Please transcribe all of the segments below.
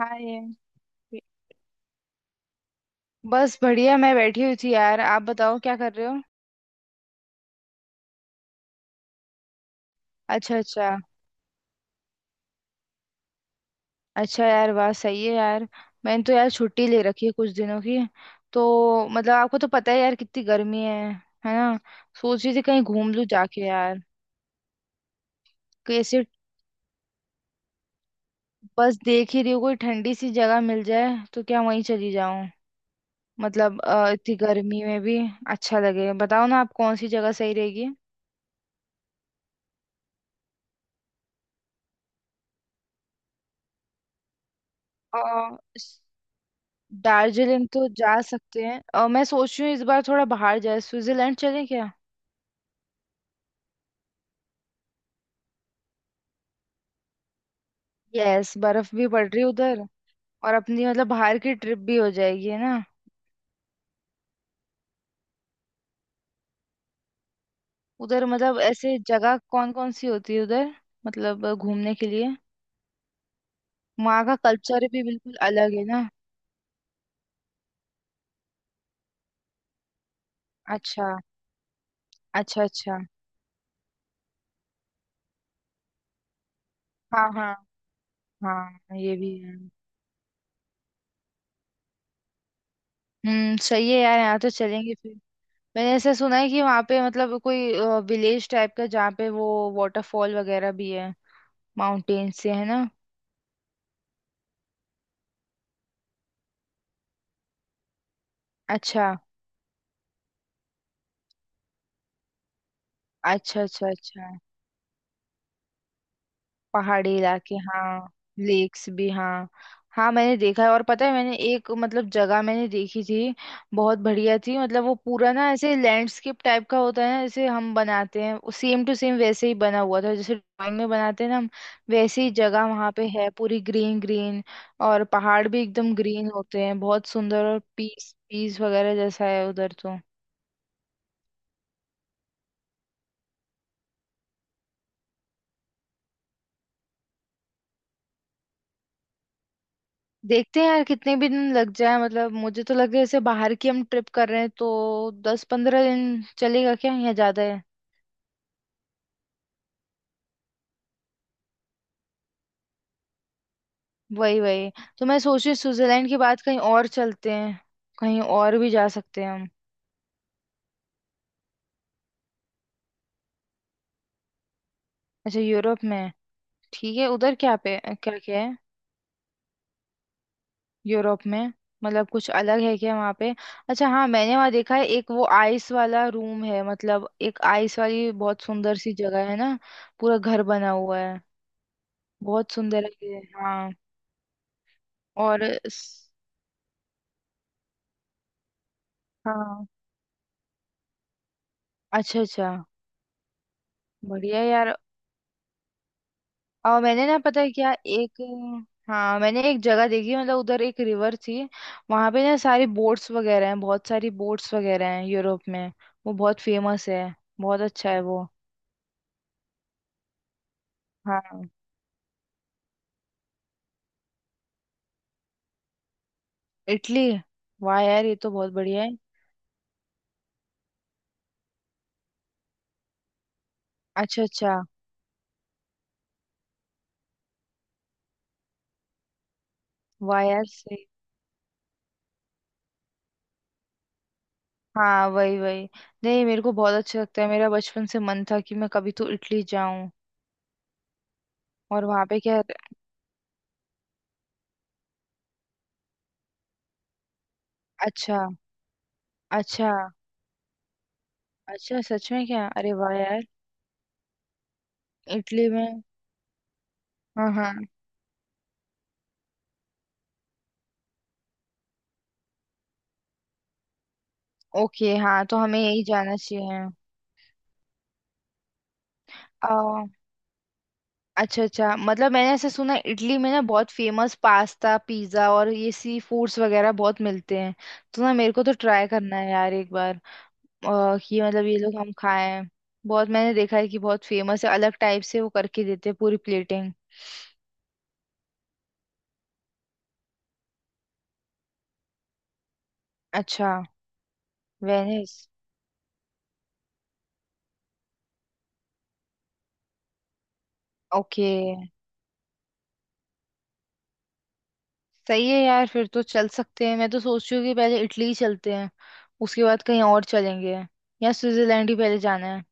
हाँ ये। बस बढ़िया, मैं बैठी हुई थी यार। आप बताओ क्या कर रहे हो। अच्छा अच्छा। अच्छा यार, वाह सही है यार। मैंने तो यार छुट्टी ले रखी है कुछ दिनों की। तो मतलब आपको तो पता है यार कितनी गर्मी है। है ना। सोच रही थी कहीं घूम लूं जाके यार। कैसे। बस देख ही रही हूँ कोई ठंडी सी जगह मिल जाए। तो क्या वहीं चली जाऊं। मतलब इतनी गर्मी में भी अच्छा लगे। बताओ ना आप कौन सी जगह सही रहेगी। दार्जिलिंग तो जा सकते हैं। और मैं सोच रही हूँ इस बार थोड़ा बाहर जाए, स्विट्जरलैंड चलें क्या। यस, बर्फ भी पड़ रही है उधर। और अपनी मतलब बाहर की ट्रिप भी हो जाएगी, है ना। उधर मतलब ऐसे जगह कौन कौन सी होती है उधर। मतलब घूमने के लिए। वहाँ का कल्चर भी बिल्कुल अलग है ना। अच्छा अच्छा। अच्छा। हाँ हाँ। हाँ ये भी है। हम्म, सही है यार, यहाँ तो चलेंगे फिर। मैंने ऐसा सुना है कि वहाँ पे मतलब कोई विलेज टाइप का, जहाँ पे वो वाटरफॉल वगैरह भी है। माउंटेन से है ना। अच्छा अच्छा अच्छा। अच्छा, पहाड़ी इलाके हाँ। लेक्स भी हाँ। हाँ मैंने देखा है। और पता है मैंने एक मतलब जगह मैंने देखी थी, बहुत बढ़िया थी। मतलब वो पूरा ना ऐसे लैंडस्केप टाइप का होता है ना, जैसे हम बनाते हैं, सेम टू सेम वैसे ही बना हुआ था, जैसे ड्राइंग में बनाते हैं ना हम। वैसे ही जगह वहाँ पे है, पूरी ग्रीन ग्रीन। और पहाड़ भी एकदम ग्रीन होते हैं, बहुत सुंदर। और पीस पीस वगैरह जैसा है उधर तो। देखते हैं यार, कितने भी दिन लग जाए। मतलब मुझे तो लग रहा है जैसे बाहर की हम ट्रिप कर रहे हैं तो 10 15 दिन चलेगा क्या, या ज्यादा है। वही वही। तो मैं सोच रही हूँ स्विट्जरलैंड के बाद कहीं और चलते हैं। कहीं और भी जा सकते हैं हम। अच्छा, यूरोप में। ठीक है, उधर क्या पे क्या क्या है यूरोप में। मतलब कुछ अलग है क्या वहाँ पे। अच्छा हाँ, मैंने वहाँ देखा है एक वो आइस वाला रूम है। मतलब एक आइस वाली बहुत सुंदर सी जगह है ना, पूरा घर बना हुआ है। बहुत सुंदर है ये। हाँ। और हाँ। अच्छा अच्छा। बढ़िया यार। और मैंने ना पता है क्या एक। हाँ मैंने एक जगह देखी, मतलब उधर एक रिवर थी। वहां पे ना सारी बोट्स वगैरह हैं, बहुत सारी बोट्स वगैरह हैं यूरोप में। वो बहुत फेमस है। बहुत अच्छा है वो। हाँ, इटली। वाह यार, ये तो बहुत बढ़िया है। अच्छा अच्छा। वाह यार सही। हाँ वही वही। नहीं, मेरे को बहुत अच्छा लगता है, मेरा बचपन से मन था कि मैं कभी तो इटली जाऊं। और वहां पे क्या। अच्छा अच्छा। अच्छा सच में क्या, अरे वाह यार। इटली में। हाँ हाँ। ओके हाँ, तो हमें यही जाना चाहिए। आ, अच्छा अच्छा, मतलब मैंने ऐसे सुना है, इटली में ना बहुत फेमस पास्ता पिज्जा और ये सी फूड्स वगैरह बहुत मिलते हैं। तो ना मेरे को तो ट्राई करना है यार एक बार, कि मतलब ये लोग हम खाएं। बहुत मैंने देखा है कि बहुत फेमस है, अलग टाइप से वो करके देते हैं पूरी प्लेटिंग। अच्छा। वेनिस। ओके, सही है यार फिर तो चल सकते हैं। मैं तो सोच रही हूँ कि पहले इटली ही चलते हैं, उसके बाद कहीं और चलेंगे। या स्विट्जरलैंड ही पहले जाना है।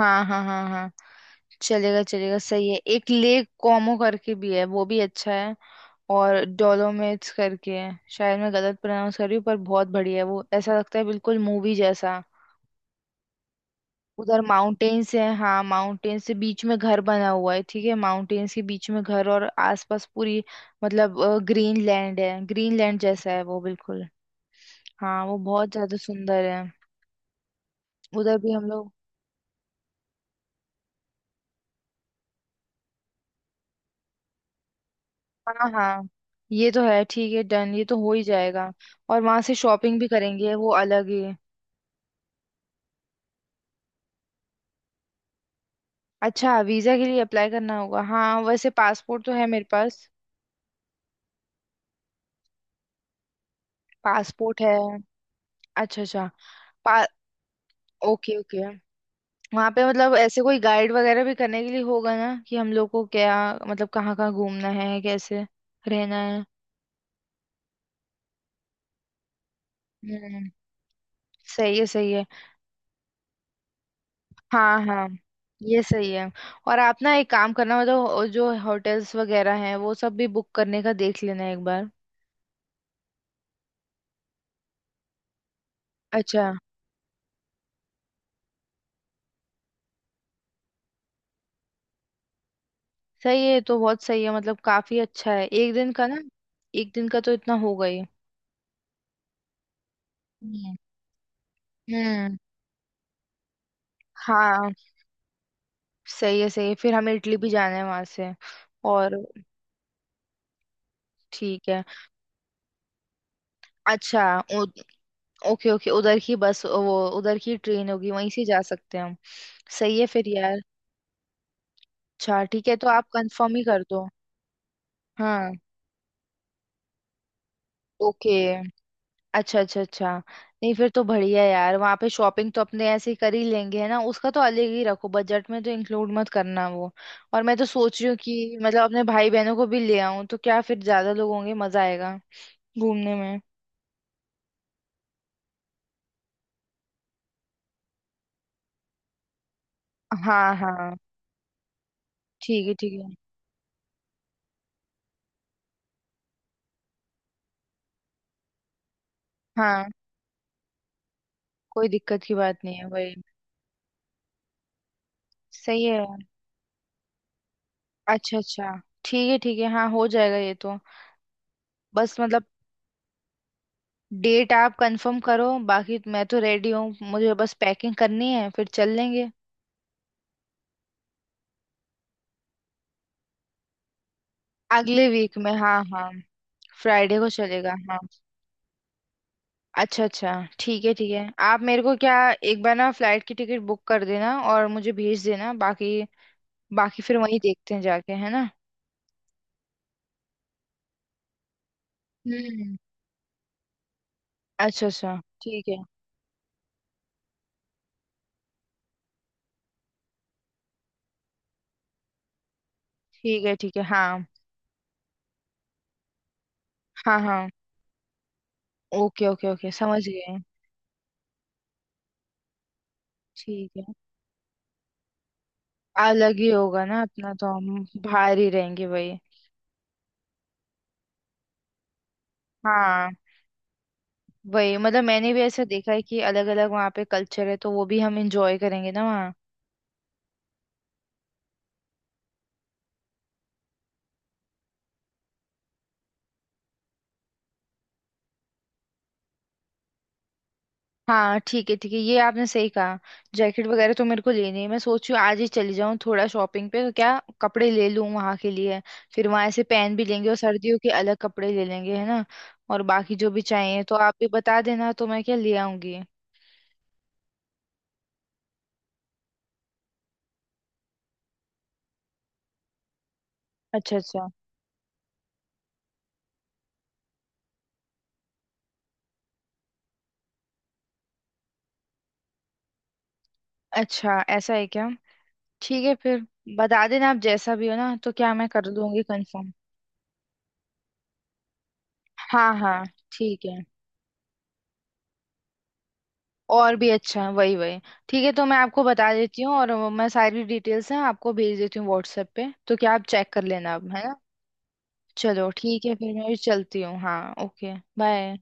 हाँ हाँ हाँ हाँ। चलेगा चलेगा, सही है। एक लेक कोमो करके भी है, वो भी अच्छा है। और डोलोमाइट्स करके है, शायद मैं गलत प्रोनाउंस कर रही हूँ, पर बहुत बढ़िया है वो, ऐसा लगता है बिल्कुल मूवी जैसा। उधर माउंटेन्स है। हाँ, माउंटेन्स से बीच में घर बना हुआ है। ठीक है, माउंटेन्स के बीच में घर और आसपास पूरी मतलब ग्रीन लैंड है, ग्रीन लैंड जैसा है वो बिल्कुल। हाँ, वो बहुत ज्यादा सुंदर है। उधर भी हम लोग। हाँ हाँ, ये तो है। ठीक है, डन, ये तो हो ही जाएगा। और वहां से शॉपिंग भी करेंगे, वो अलग ही। अच्छा, वीजा के लिए अप्लाई करना होगा। हाँ वैसे पासपोर्ट तो है मेरे पास। पासपोर्ट है। अच्छा अच्छा। पा। Okay okay. वहाँ पे मतलब ऐसे कोई गाइड वगैरह भी करने के लिए होगा ना, कि हम लोग को क्या मतलब कहाँ कहाँ घूमना है, कैसे रहना है। हम्म, सही है सही है। हाँ हाँ, ये सही है। और आप ना एक काम करना, मतलब जो होटल्स वगैरह हैं वो सब भी बुक करने का देख लेना एक बार। अच्छा। सही है, तो बहुत सही है, मतलब काफी अच्छा है एक दिन का ना। एक दिन का तो इतना होगा ही। हम्म। हम्म, हाँ। सही है सही है, फिर हमें इटली भी जाना है वहां से। और ठीक है। अच्छा ओके ओके, उधर की बस वो उधर की ट्रेन होगी, वहीं से जा सकते हैं हम। सही है फिर यार। अच्छा ठीक है, तो आप कंफर्म ही कर दो। हाँ। ओके। अच्छा अच्छा अच्छा। नहीं फिर तो बढ़िया यार, वहाँ पे शॉपिंग तो अपने ऐसे ही कर ही लेंगे, है ना। उसका तो अलग ही रखो, बजट में तो इंक्लूड मत करना वो। और मैं तो सोच रही हूँ कि मतलब अपने भाई बहनों को भी ले आऊँ, तो क्या फिर ज्यादा लोग होंगे, मजा आएगा घूमने में। हाँ हाँ। ठीक है ठीक है, हाँ, कोई दिक्कत की बात नहीं है वही। सही है यार। अच्छा अच्छा। ठीक है ठीक है, हाँ हो जाएगा ये तो। बस मतलब डेट आप कंफर्म करो, बाकी मैं तो रेडी हूँ, मुझे बस पैकिंग करनी है, फिर चल लेंगे। अगले वीक में, हाँ हाँ। फ्राइडे को चलेगा हाँ। अच्छा अच्छा। ठीक है ठीक है, आप मेरे को क्या एक बार ना फ्लाइट की टिकट बुक कर देना और मुझे भेज देना। बाकी बाकी फिर वहीं देखते हैं जाके, है ना। हम्म। अच्छा अच्छा। ठीक है। ठीक है ठीक है। हाँ हाँ हाँ। ओके ओके ओके, समझ गए। ठीक है। अलग ही होगा ना अपना तो, हम बाहर ही रहेंगे वही। हाँ। वही, मतलब मैंने भी ऐसा देखा है कि अलग अलग वहाँ पे कल्चर है, तो वो भी हम इंजॉय करेंगे ना। हाँ ठीक है ठीक है, ये आपने सही कहा। जैकेट वगैरह तो मेरे को लेनी है, मैं सोच रही हूँ आज ही चली जाऊँ थोड़ा शॉपिंग पे, तो क्या कपड़े ले लूँ वहाँ के लिए। फिर वहाँ से पहन भी लेंगे, और सर्दियों के अलग कपड़े ले लेंगे, है ना। और बाकी जो भी चाहिए तो आप भी बता देना, तो मैं क्या ले आऊंगी। अच्छा अच्छा। अच्छा ऐसा है क्या। ठीक है फिर, बता देना आप जैसा भी हो ना, तो क्या मैं कर लूँगी कंफर्म। हाँ हाँ। ठीक है। और भी अच्छा है वही वही। ठीक है, तो मैं आपको बता देती हूँ और वो मैं सारी डिटेल्स हैं आपको भेज देती हूँ व्हाट्सएप पे, तो क्या आप चेक कर लेना अब, है ना। चलो ठीक है फिर, मैं भी चलती हूँ, हाँ ओके बाय।